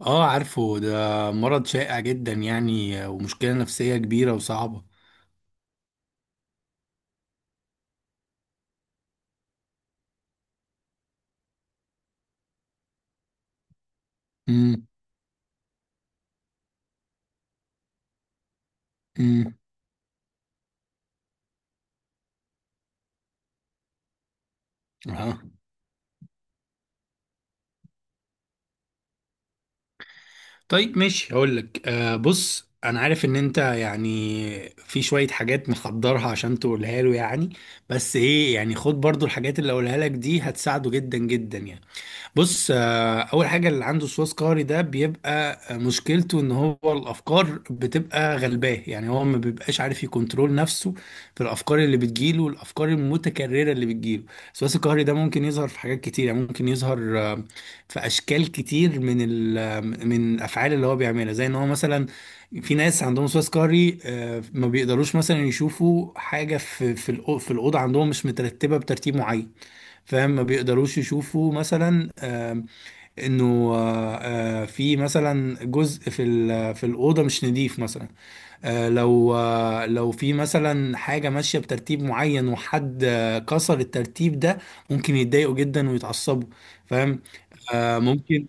اه، عارفه ده. مرض شائع جدا يعني ومشكلة نفسية كبيرة وصعبة. امم. امم. اه. طيب، ماشي، هقول لك. بص، انا عارف ان انت يعني في شوية حاجات محضرها عشان تقولها له يعني. بس ايه، يعني خد برضو الحاجات اللي اقولها لك دي، هتساعده جدا جدا يعني. بص، اول حاجه اللي عنده وسواس قهري ده بيبقى، مشكلته ان هو الافكار بتبقى غلباه، يعني هو ما بيبقاش عارف يكنترول نفسه في الافكار اللي بتجيله والافكار المتكرره اللي بتجيله. الوسواس القهري ده ممكن يظهر في حاجات كتير، يعني ممكن يظهر في اشكال كتير من ال آه، من الافعال اللي هو بيعملها. زي ان هو مثلا في ناس عندهم وسواس قهري ما بيقدروش مثلا يشوفوا حاجه في في الاوضه عندهم مش مترتبه بترتيب معين. فاهم؟ ما بيقدروش يشوفوا مثلا، انه، في مثلا جزء في الاوضه مش نظيف مثلا. لو، لو في مثلا حاجه ماشيه بترتيب معين وحد كسر الترتيب ده، ممكن يتضايقوا جدا ويتعصبوا. فاهم؟ ممكن.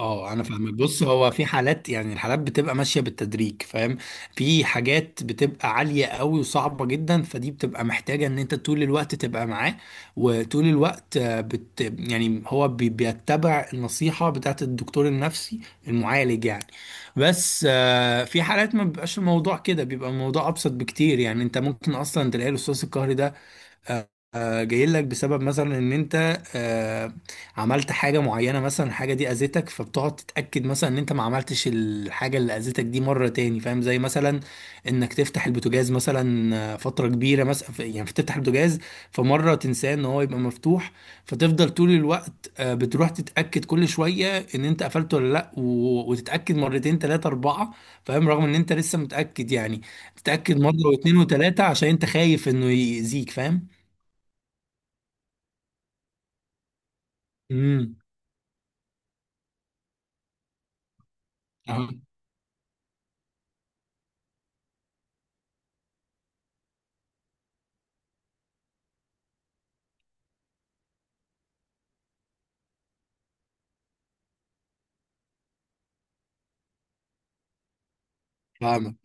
اه، انا فاهمك. بص، هو في حالات، يعني الحالات بتبقى ماشيه بالتدريج، فاهم؟ في حاجات بتبقى عاليه قوي وصعبه جدا، فدي بتبقى محتاجه ان انت طول الوقت تبقى معاه، وطول الوقت يعني هو بيتبع النصيحه بتاعت الدكتور النفسي، المعالج يعني. بس في حالات ما بيبقاش الموضوع كده، بيبقى الموضوع ابسط بكتير، يعني انت ممكن اصلا تلاقي الاستاذ القهري ده جاي لك بسبب مثلا ان انت عملت حاجه معينه، مثلا الحاجه دي اذتك، فبتقعد تتاكد مثلا ان انت ما عملتش الحاجه اللي اذتك دي مره تاني. فاهم؟ زي مثلا انك تفتح البوتاجاز مثلا فتره كبيره، مثلا يعني تفتح البوتاجاز، فمره تنساه ان هو يبقى مفتوح، فتفضل طول الوقت بتروح تتاكد كل شويه ان انت قفلته ولا لا، وتتاكد مرتين، ثلاثه، اربعه. فاهم؟ رغم ان انت لسه متاكد يعني، تتاكد مره واثنين وثلاثه عشان انت خايف انه يأذيك. فاهم؟ امم. فاهمك.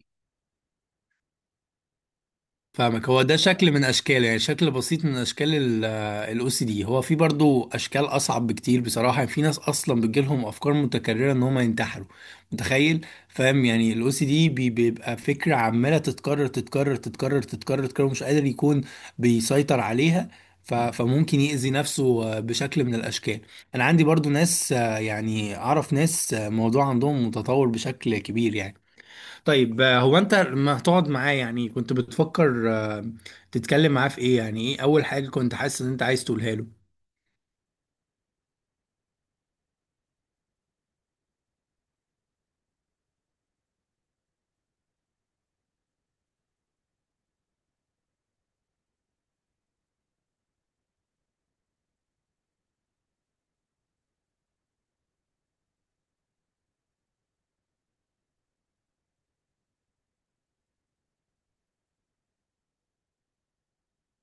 فاهمك، هو ده شكل من اشكال، يعني شكل بسيط من اشكال الاو سي دي. هو في برضو اشكال اصعب بكتير بصراحه، يعني في ناس اصلا بتجيلهم افكار متكرره ان هم ينتحروا. متخيل؟ فاهم، يعني الاو سي دي بيبقى فكره عماله تتكرر، تتكرر، تتكرر، تتكرر، تتكرر، مش قادر يكون بيسيطر عليها. فممكن يأذي نفسه بشكل من الاشكال. انا عندي برضو ناس، يعني اعرف ناس موضوع عندهم متطور بشكل كبير يعني. طيب، هو انت لما هتقعد معاه، يعني كنت بتفكر تتكلم معاه في ايه؟ يعني ايه اول حاجة كنت حاسس ان انت عايز تقولها له؟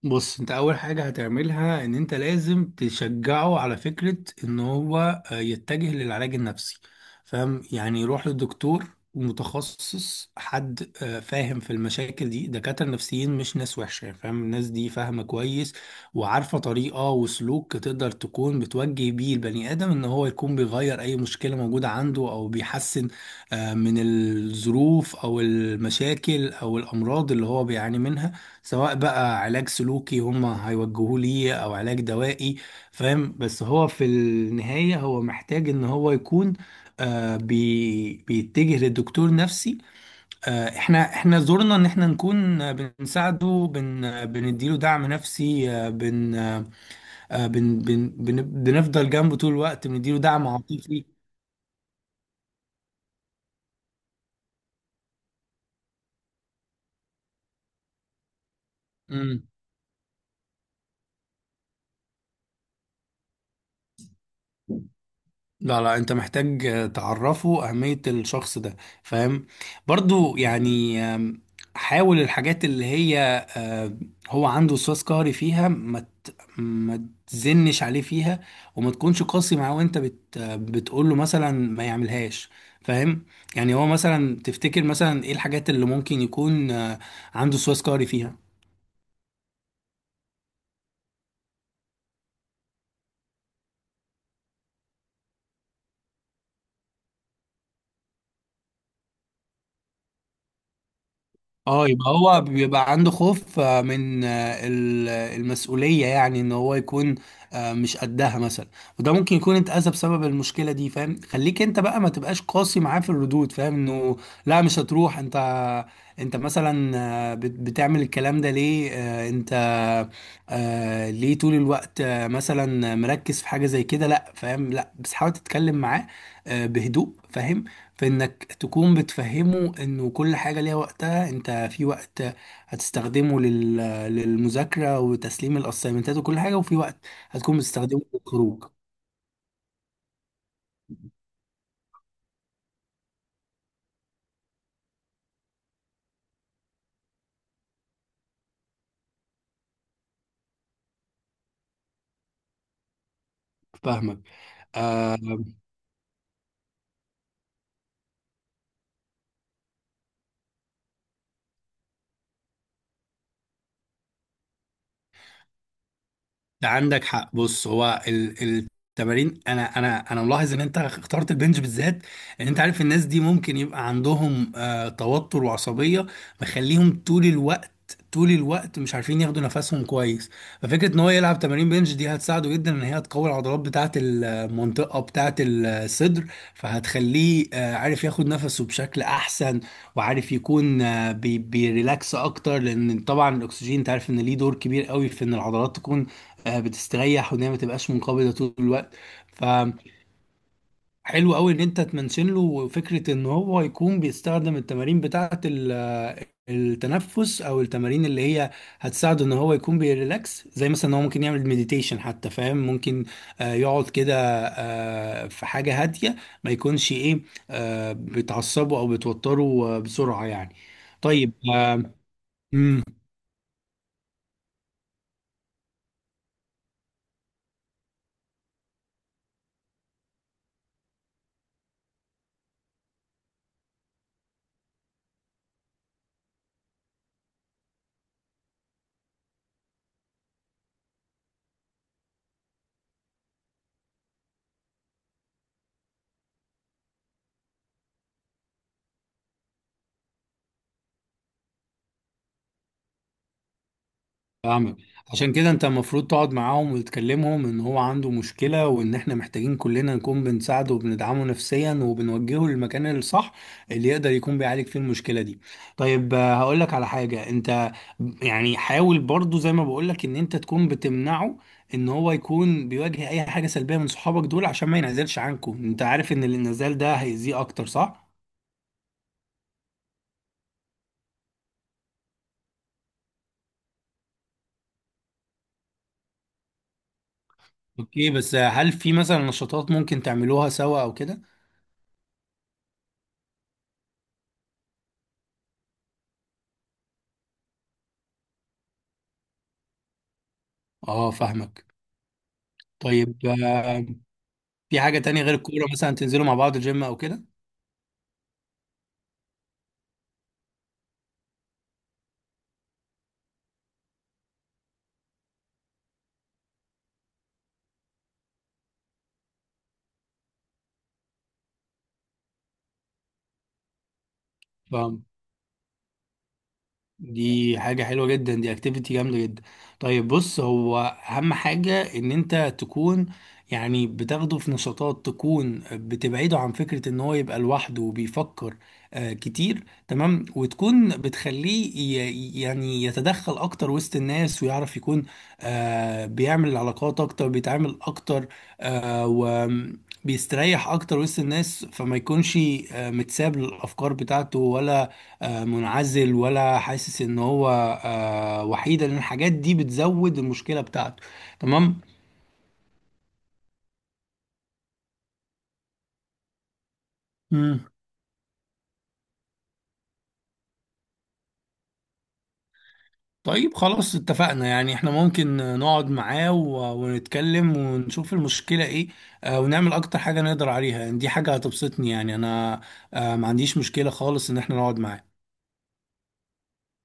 بص، انت اول حاجة هتعملها ان انت لازم تشجعه على فكرة ان هو يتجه للعلاج النفسي. فاهم؟ يعني يروح للدكتور، متخصص، حد فاهم في المشاكل دي. دكاترة نفسيين مش ناس وحشة، فاهم؟ الناس دي فاهمة كويس وعارفة طريقة وسلوك تقدر تكون بتوجه بيه البني آدم ان هو يكون بيغير اي مشكلة موجودة عنده، او بيحسن من الظروف او المشاكل او الامراض اللي هو بيعاني منها، سواء بقى علاج سلوكي هم هيوجهوه ليه او علاج دوائي. فاهم؟ بس هو في النهاية هو محتاج ان هو يكون آه بي بيتجه لدكتور نفسي. احنا زورنا ان احنا نكون بنساعده، بن آه، بنديله دعم نفسي، بن بن بن بنفضل جنبه طول الوقت، بنديله دعم عاطفي. مم. لا، لا، انت محتاج تعرفه اهمية الشخص ده. فاهم؟ برضو يعني، حاول الحاجات اللي هي آه، هو عنده وسواس قهري فيها، ما تزنش عليه فيها، وما تكونش قاسي معاه وانت بتقول له مثلا ما يعملهاش. فاهم؟ يعني هو مثلا، تفتكر مثلا ايه الحاجات اللي ممكن يكون عنده وسواس قهري فيها؟ اه، يبقى هو بيبقى عنده خوف من ال- المسؤولية، يعني ان هو يكون مش قدها مثلا. وده ممكن يكون اتأذى بسبب المشكلة دي. فاهم؟ خليك انت بقى ما تبقاش قاسي معاه في الردود. فاهم؟ انه: لا، مش هتروح انت، انت مثلا بتعمل الكلام ده ليه؟ انت ليه طول الوقت مثلا مركز في حاجة زي كده؟ لا، فاهم؟ لا، بس حاول تتكلم معاه بهدوء. فاهم؟ في انك تكون بتفهمه انه كل حاجة ليها وقتها. انت في وقت هتستخدمه لل للمذاكرة وتسليم الاسايمنتات وكل حاجة، وفي وقت هتكون بتستخدمه للخروج. فاهمك. آه عندك حق. بص، هو التمارين، انا ملاحظ ان انت اخترت البنج بالذات، ان انت عارف الناس دي ممكن يبقى عندهم توتر وعصبيه مخليهم طول الوقت، طول الوقت مش عارفين ياخدوا نفسهم كويس. ففكره ان هو يلعب تمارين بنج دي هتساعده جدا، ان هي تقوي العضلات بتاعه المنطقه بتاعه الصدر، فهتخليه عارف ياخد نفسه بشكل احسن، وعارف يكون بيريلاكس اكتر، لان طبعا الاكسجين انت عارف ان ليه دور كبير قوي في ان العضلات تكون بتستريح، وان هي ما تبقاش منقبضه طول الوقت. فحلو قوي ان انت تمنشن له فكره ان هو يكون بيستخدم التمارين بتاعه التنفس، او التمارين اللي هي هتساعده ان هو يكون بيريلاكس، زي مثلا ان هو ممكن يعمل مديتيشن حتى. فاهم؟ ممكن يقعد كده في حاجه هاديه، ما يكونش ايه، بتعصبه او بتوتره بسرعه يعني. طيب، فاهمك. عشان كده انت المفروض تقعد معاهم وتكلمهم ان هو عنده مشكلة، وان احنا محتاجين كلنا نكون بنساعده وبندعمه نفسيا، وبنوجهه للمكان الصح اللي يقدر يكون بيعالج فيه المشكلة دي. طيب، هقول لك على حاجة انت. يعني حاول برضو زي ما بقول لك ان انت تكون بتمنعه ان هو يكون بيواجه اي حاجة سلبية من صحابك دول، عشان ما ينعزلش عنكم. انت عارف ان الانعزال ده هيأذيه اكتر، صح؟ اوكي، بس هل في مثلا نشاطات ممكن تعملوها سوا او كده؟ اه، فاهمك. طيب، في حاجة تانية غير الكورة؟ مثلا تنزلوا مع بعض الجيم أو كده؟ ف- دي حاجة حلوة جدا، دي اكتيفيتي جامدة جدا. طيب بص، هو أهم حاجة إن أنت تكون، يعني، بتاخده في نشاطات تكون بتبعده عن فكرة إن هو يبقى لوحده وبيفكر كتير. تمام؟ وتكون بتخليه يعني يتدخل أكتر وسط الناس، ويعرف يكون بيعمل علاقات أكتر، بيتعامل أكتر وبيستريح أكتر وسط الناس، فما يكونش متساب للأفكار بتاعته، ولا منعزل، ولا حاسس ان هو وحيد، لان الحاجات دي بتزود المشكله بتاعته. تمام. مم. طيب، خلاص، اتفقنا، يعني احنا ممكن نقعد معاه ونتكلم ونشوف المشكله ايه، ونعمل اكتر حاجه نقدر عليها. يعني دي حاجه هتبسطني يعني، انا ما عنديش مشكله خالص ان احنا نقعد معاه.